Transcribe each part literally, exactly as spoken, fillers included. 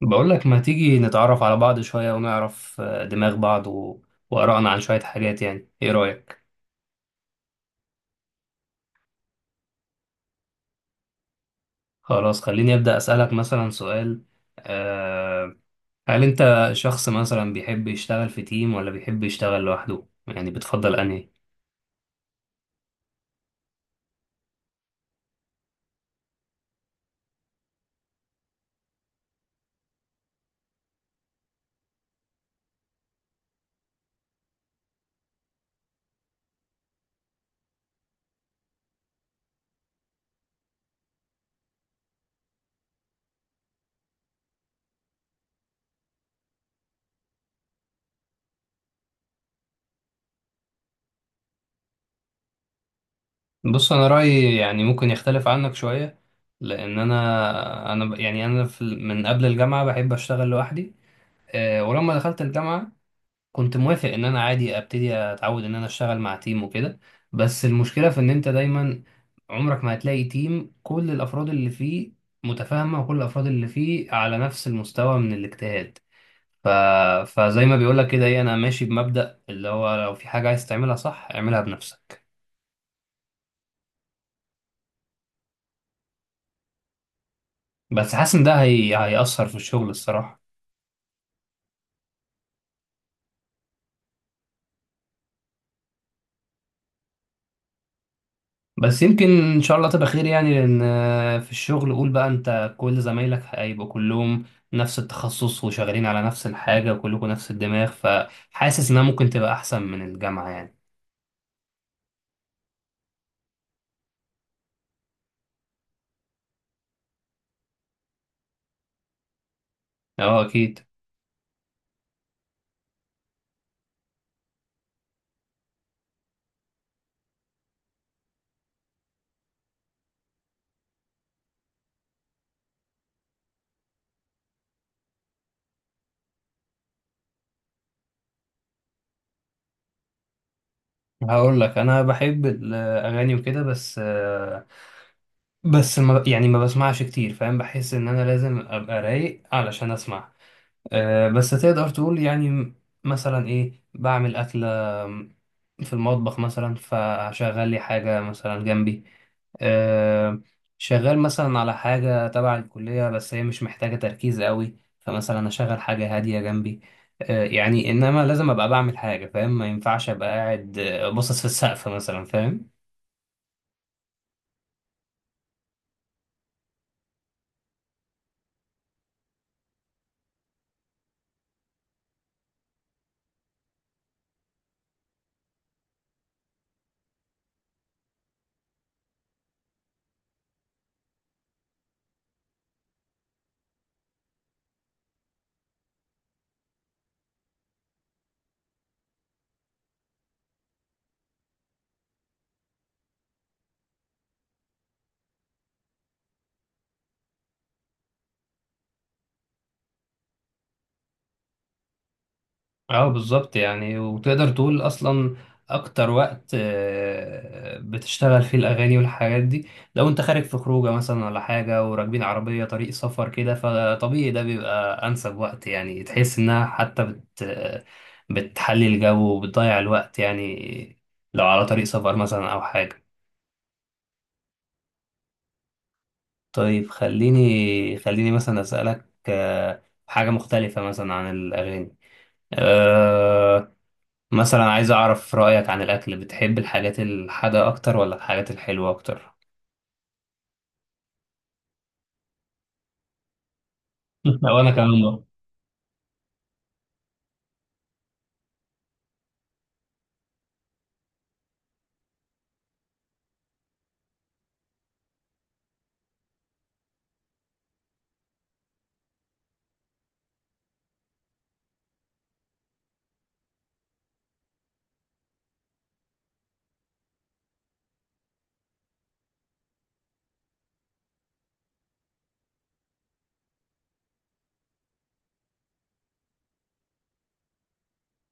بقول لك ما تيجي نتعرف على بعض شوية ونعرف آه، دماغ بعض و... وآرائنا عن شوية حاجات. يعني إيه رأيك؟ خلاص، خليني أبدأ أسألك مثلا سؤال. أه... هل أنت شخص مثلا بيحب يشتغل في تيم ولا بيحب يشتغل لوحده؟ يعني بتفضل أنهي؟ بص، أنا رأيي يعني ممكن يختلف عنك شوية، لأن أنا أنا ب- يعني أنا في... ال- من قبل الجامعة بحب أشتغل لوحدي. أه... ولما دخلت الجامعة كنت موافق ان انا عادي ابتدي اتعود ان انا اشتغل مع تيم وكده. بس المشكله في ان انت دايما عمرك ما هتلاقي تيم كل الافراد اللي فيه متفاهمه وكل الافراد اللي فيه على نفس المستوى من الاجتهاد. ف... فزي ما بيقولك كده ايه، انا ماشي بمبدأ اللي هو لو في حاجه عايز تعملها صح اعملها بنفسك. بس حاسس ان ده هي... هيأثر في الشغل الصراحه. بس يمكن ان شاء الله تبقى خير يعني، لان آه، في الشغل قول بقى انت كل زمايلك هيبقوا كلهم نفس التخصص وشغالين على نفس الحاجة وكلكم نفس الدماغ، فحاسس انها ممكن تبقى احسن من الجامعة يعني. اه، اكيد. هقول لك انا بحب الاغاني وكده، بس آه، بس ما يعني ما بسمعش كتير فاهم، بحس ان انا لازم ابقى رايق علشان اسمع. آه، بس تقدر تقول يعني م- مثلا ايه، بعمل أكلة في المطبخ مثلا فشغل لي حاجة مثلا جنبي. آه، شغال مثلا على حاجة تبع الكلية بس هي مش محتاجة تركيز قوي، فمثلا أشغل حاجة هادية جنبي. آه، يعني إنما لازم أبقى بعمل حاجة فاهم، ما ينفعش أبقى قاعد آه، باصص في السقف مثلا فاهم. اه بالظبط يعني، وتقدر تقول اصلا اكتر وقت آه، بتشتغل فيه الاغاني والحاجات دي، لو انت خارج في خروجه مثلا ولا حاجه وراكبين عربيه طريق سفر كده، فطبيعي ده بيبقى انسب وقت. يعني تحس انها حتى بت بتحلي الجو وبتضيع الوقت يعني، لو على طريق سفر مثلا او حاجه. طيب، خليني خليني مثلا اسالك آه، حاجه مختلفه مثلا عن الاغاني. آه، مثلا عايز أعرف رأيك عن الأكل، بتحب الحاجات الحادقة أكتر ولا الحاجات الحلوة أكتر؟ وأنا كمان برضه.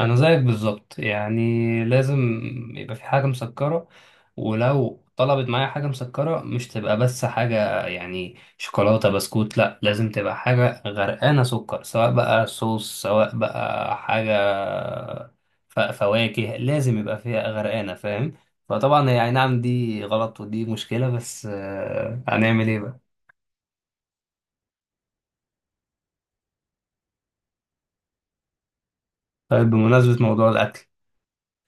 أنا زيك بالظبط يعني، لازم يبقى في حاجة مسكرة. ولو طلبت معايا حاجة مسكرة مش تبقى بس حاجة يعني شوكولاتة بسكوت، لأ لازم تبقى حاجة غرقانة سكر، سواء بقى صوص سواء بقى حاجة ف- فواكه، لازم يبقى فيها غرقانة فاهم؟ فطبعا يعني نعم دي غلط ودي مشكلة، بس آه، هنعمل ايه بقى. طيب، بمناسبة موضوع الأكل،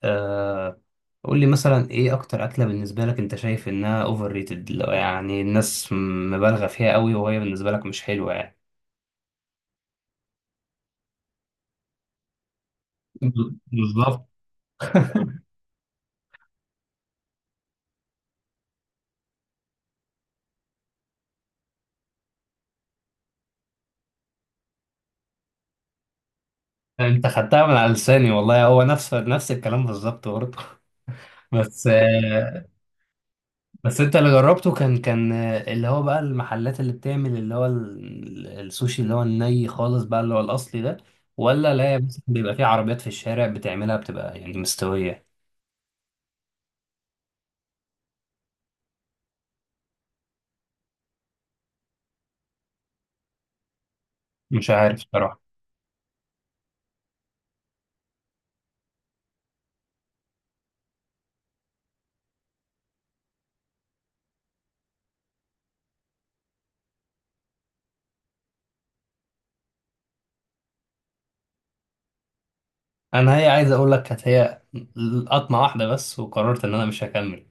آه قول لي مثلا إيه أكتر أكلة بالنسبة لك أنت شايف إنها أوفر ريتد، يعني الناس مبالغة فيها قوي وهي بالنسبة لك مش حلوة يعني. ب- بالظبط. أنت خدتها من على لساني والله، هو نفس نفس الكلام بالظبط برضه. بس آه بس أنت اللي جربته كان كان آه، اللي هو بقى المحلات اللي بتعمل اللي هو ال- السوشي اللي هو الني خالص بقى اللي هو الأصلي ده، ولا لا بس بيبقى فيه عربيات في الشارع بتعملها بتبقى يعني مستوية؟ مش عارف بصراحة. انا هي عايز اقول لك كانت هي قطمه واحده بس، وقررت ان انا مش هكمل.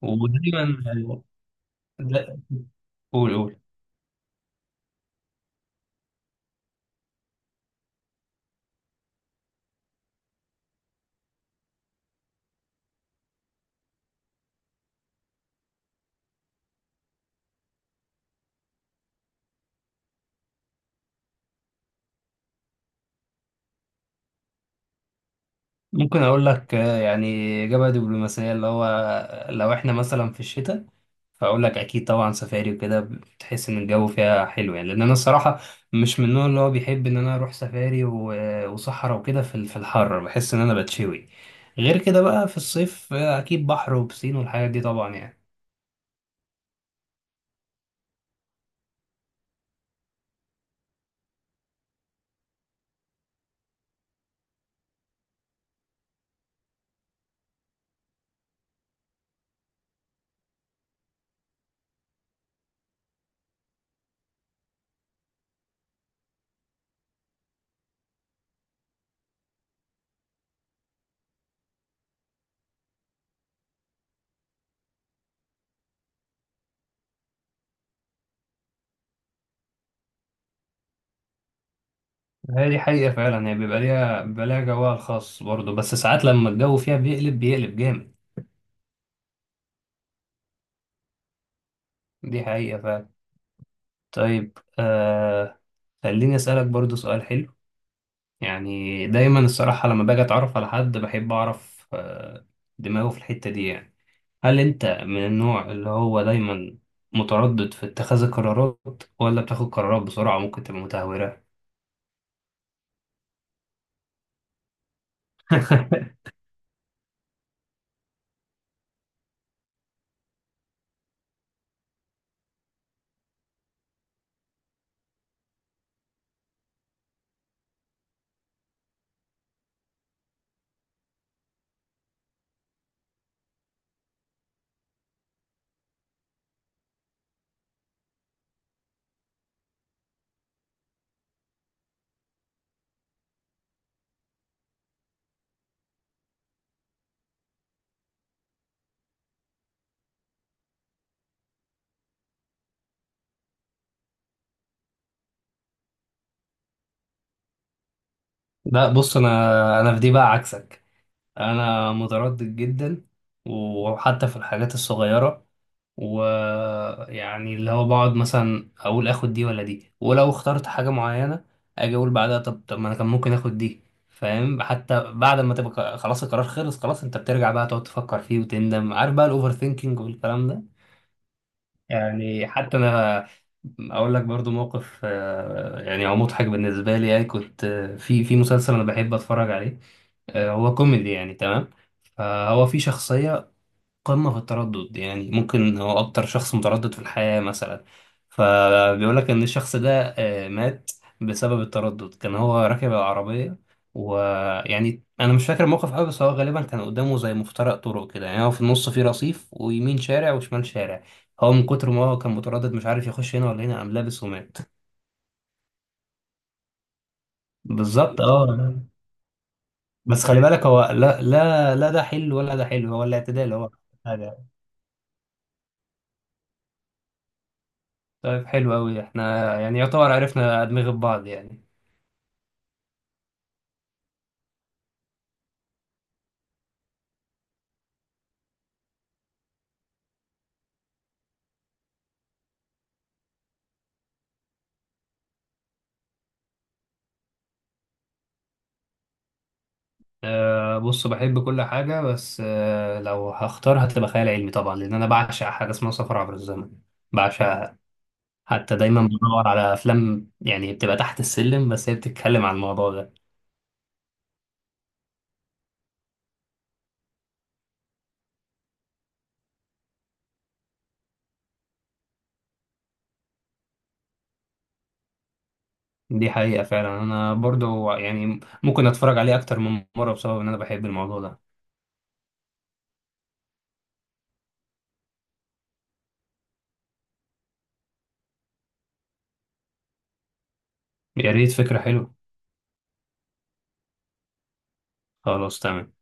ودايما. لا، قول قول. ممكن اقول لك آه، يعني اجابه دبلوماسيه اللي هو لو احنا مثلا في الشتاء، فاقول لك اكيد طبعا سفاري وكده، بتحس ان الجو فيها حلو يعني، لان انا الصراحه مش من النوع اللي هو بيحب ان انا اروح سفاري و- وصحراء وكده في ال- في الحر، بحس ان انا بتشوي. غير كده بقى في الصيف آه، اكيد بحر وبسين والحاجات دي طبعا يعني. هي دي حقيقة فعلا، هي بيبقى ليها بيبقى ليها جوها الخاص برضه، بس ساعات لما الجو فيها بيقلب بيقلب جامد. دي حقيقة فعلا. طيب آه خليني أسألك برضه سؤال حلو. يعني دايما الصراحة لما باجي أتعرف على حد بحب أعرف آه دماغه في الحتة دي يعني. هل أنت من النوع اللي هو دايما متردد في اتخاذ القرارات ولا بتاخد قرارات بسرعة ممكن تبقى متهورة؟ لا، بص أنا أنا في دي بقى عكسك. انا متردد جدا، وحتى في الحاجات الصغيره. ويعني اللي هو بقعد مثلا اقول اخد دي ولا دي، ولو اخترت حاجه معينه اجي اقول بعدها طب طب ما انا كان ممكن اخد دي. فاهم؟ حتى بعد ما تبقى ق- خلاص القرار خلص خلاص، انت بترجع بقى تقعد تفكر فيه وتندم. عارف بقى الاوفر ثينكينج والكلام ده. يعني حتى انا اقول لك برضو موقف آه، يعني هو مضحك بالنسبه لي. يعني كنت آه، في في مسلسل انا بحب اتفرج عليه، آه، هو كوميدي يعني تمام. فهو في شخصية قمة في التردد، يعني ممكن هو أكتر شخص متردد في الحياة مثلا. فبيقول لك إن الشخص ده آه، مات بسبب التردد. كان هو راكب العربية، ويعني أنا مش فاكر الموقف أوي، بس هو غالبا كان قدامه زي مفترق طرق كده. يعني هو في النص فيه رصيف ويمين شارع وشمال شارع، هو من كتر ما هو كان متردد مش عارف يخش هنا ولا هنا قام لابس ومات. بالظبط اه. بس خلي بالك هو لا لا لا ده حلو ولا ده حلو، هو الاعتدال هو حاجة. طيب حلو أوي، احنا يعني يعتبر عرفنا أدمغة بعض يعني. أه بص بحب كل حاجة، بس أه لو هختار هتبقى خيال علمي طبعا، لأن أنا بعشق حاجة اسمها سفر عبر الزمن. بعشقها. حتى دايما بدور على أفلام يعني بتبقى تحت السلم بس هي بتتكلم عن الموضوع ده. دي حقيقة فعلا. أنا برضو يعني ممكن أتفرج عليه أكتر من مرة بسبب إن أنا بحب الموضوع ده. يا ريت، فكرة حلوة. خلاص تمام.